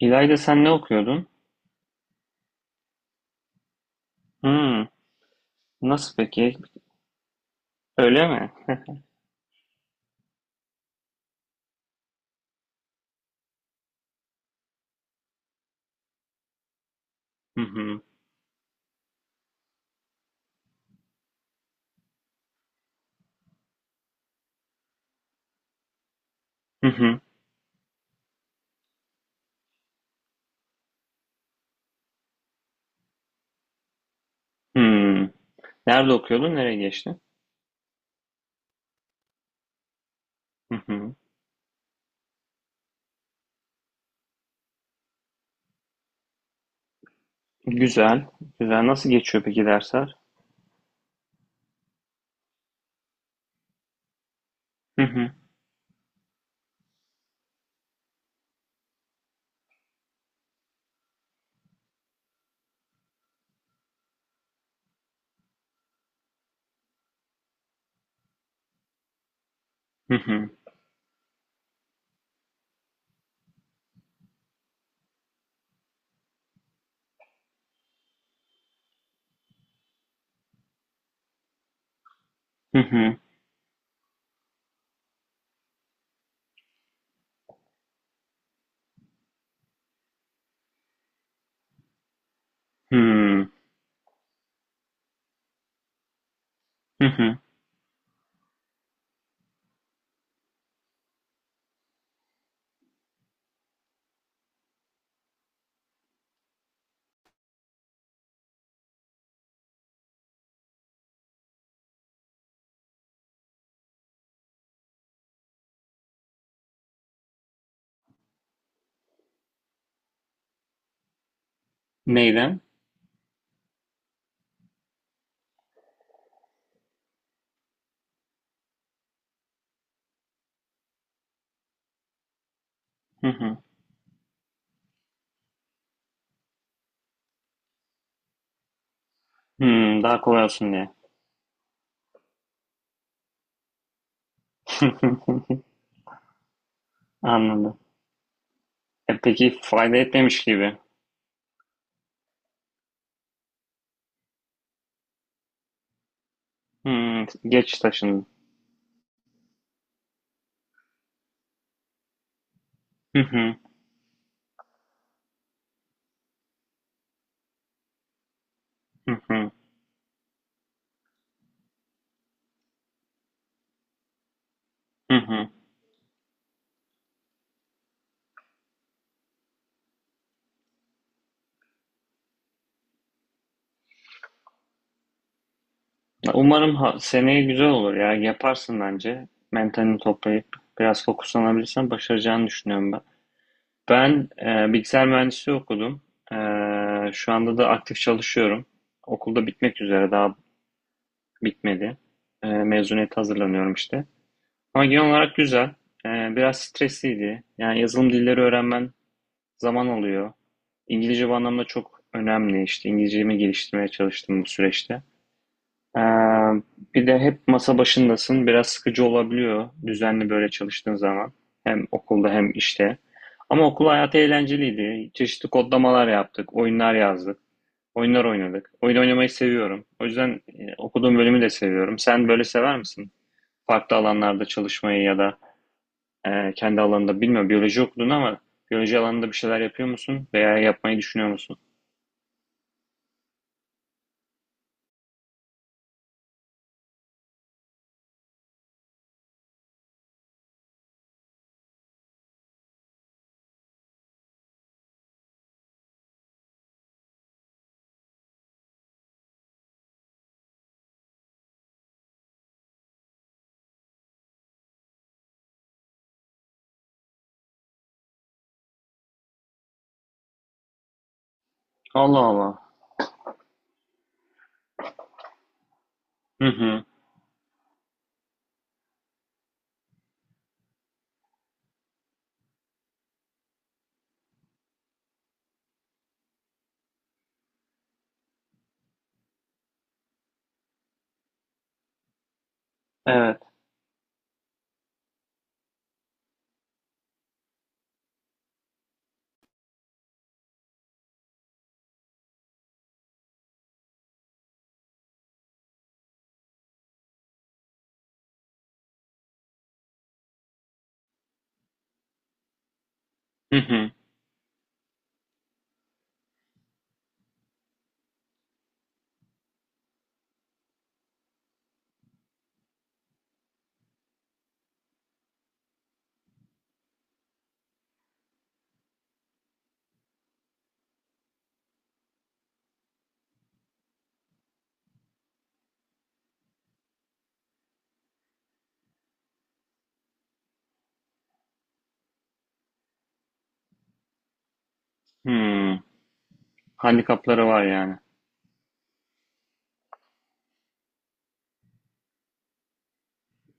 İlayda sen ne okuyordun? Hımm. Nasıl peki? Öyle mi? Hı hı. Hı hı. Hımm. Nerede okuyordun? Nereye geçtin? Hı hı. Güzel, güzel. Nasıl geçiyor peki dersler? Hı hı. Hı hı. Hı hı. Hımm. Hı hı. Neyden? Hı hı. Hımm. Daha kolay olsun diye. Anladım. Peki fayda etmemiş gibi. Hımm. Geç taşındın. Hı hı. Hı hı. Hı hı. Ya umarım seneye güzel olur ya. Yaparsın bence. Mentalini toplayıp biraz fokuslanabilirsen başaracağını düşünüyorum ben. Ben bilgisayar mühendisliği okudum. E, Şu anda da aktif çalışıyorum. Okulda bitmek üzere daha bitmedi. Mezuniyete hazırlanıyorum işte. Ama genel olarak güzel. Biraz stresliydi. Yani yazılım dilleri öğrenmen zaman alıyor. İngilizce bu anlamda çok önemli. İşte İngilizcemi geliştirmeye çalıştım bu süreçte. Ee, Bir de hep masa başındasın. Biraz sıkıcı olabiliyor düzenli böyle çalıştığın zaman. Hem okulda hem işte. Ama okul hayatı eğlenceliydi. Çeşitli kodlamalar yaptık, oyunlar yazdık, oyunlar oynadık. Oyun oynamayı seviyorum. O yüzden okuduğum bölümü de seviyorum. Sen böyle sever misin? Farklı alanlarda çalışmayı ya da kendi alanında bilmiyorum. Biyoloji okudun ama biyoloji alanında bir şeyler yapıyor musun veya yapmayı düşünüyor musun? Allah Allah. Hı hı. Evet. Hı hı. Hmm. Handikapları var yani.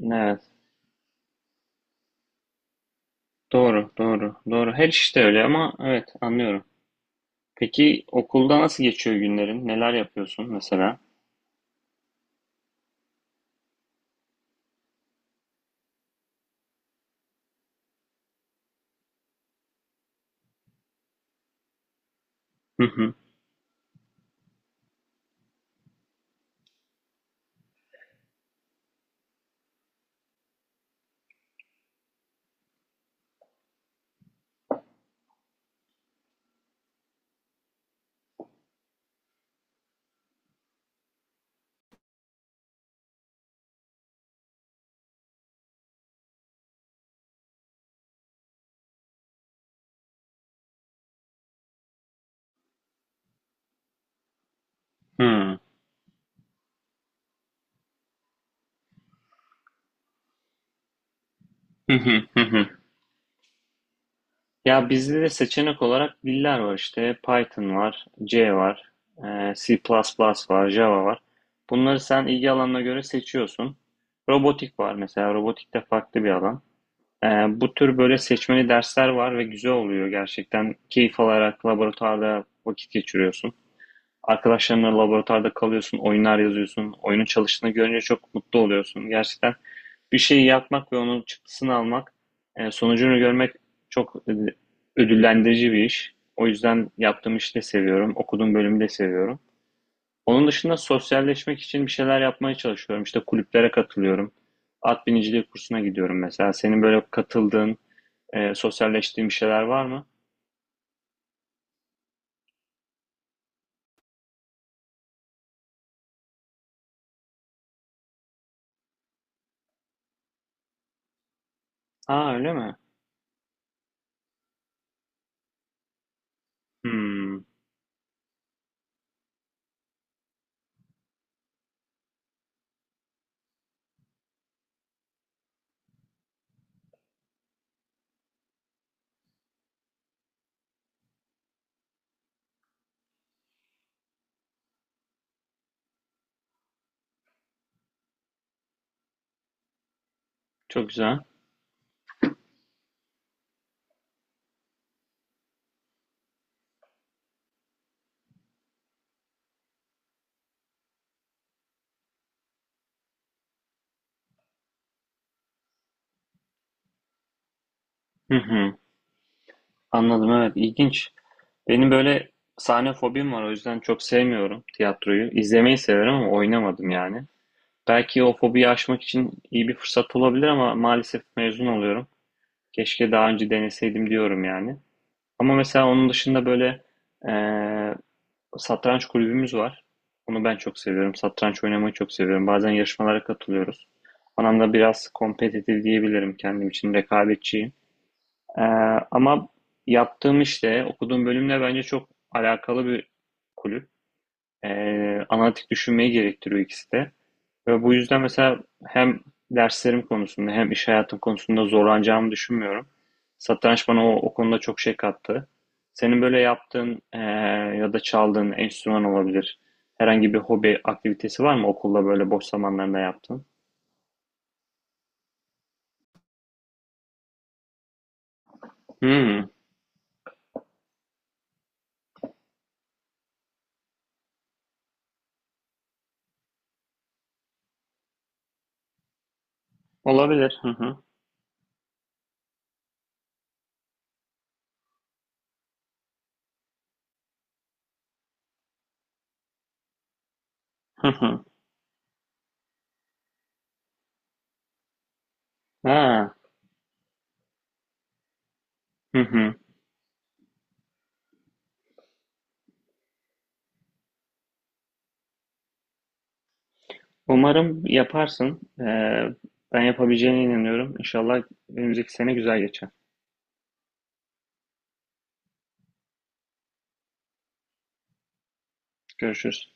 Evet. Doğru, doğru, doğru. Her işte öyle ama evet anlıyorum. Peki okulda nasıl geçiyor günlerin? Neler yapıyorsun mesela? Hı hı. Hı. Hı hı, hı hı. Ya bizde de seçenek olarak diller var işte. Python var, C var, C++ var, Java var. Bunları sen ilgi alanına göre seçiyorsun. Robotik var mesela. Robotik de farklı bir alan. E, Bu tür böyle seçmeli dersler var ve güzel oluyor gerçekten. Keyif alarak laboratuvarda vakit geçiriyorsun. Arkadaşlarınla laboratuvarda kalıyorsun, oyunlar yazıyorsun. Oyunun çalıştığını görünce çok mutlu oluyorsun. Gerçekten bir şeyi yapmak ve onun çıktısını almak, sonucunu görmek çok ödüllendirici bir iş. O yüzden yaptığım işi de seviyorum, okuduğum bölümü de seviyorum. Onun dışında sosyalleşmek için bir şeyler yapmaya çalışıyorum. İşte kulüplere katılıyorum. At biniciliği kursuna gidiyorum mesela. Senin böyle katıldığın, sosyalleştiğin bir şeyler var mı? Aa öyle mi? Hmm, çok güzel. Hı hı. Anladım, evet, ilginç. Benim böyle sahne fobim var, o yüzden çok sevmiyorum tiyatroyu. İzlemeyi severim ama oynamadım yani. Belki o fobiyi aşmak için iyi bir fırsat olabilir ama maalesef mezun oluyorum. Keşke daha önce deneseydim diyorum yani. Ama mesela onun dışında böyle eee, satranç kulübümüz var. Onu ben çok seviyorum. Satranç oynamayı çok seviyorum. Bazen yarışmalara katılıyoruz. Anlamda biraz kompetitif diyebilirim, kendim için rekabetçi. Ee, Ama yaptığım işte, okuduğum bölümle bence çok alakalı bir kulüp. Analitik düşünmeyi gerektiriyor ikisi de. Ve bu yüzden mesela hem derslerim konusunda hem iş hayatım konusunda zorlanacağımı düşünmüyorum. Satranç bana o konuda çok şey kattı. Senin böyle yaptığın ya da çaldığın enstrüman olabilir. Herhangi bir hobi aktivitesi var mı okulda böyle boş zamanlarında yaptığın? Hmm, olabilir. Hı hı. Hı hı. Ha. Hı hı. Umarım yaparsın. Ben yapabileceğine inanıyorum. İnşallah önümüzdeki sene güzel geçer. Görüşürüz.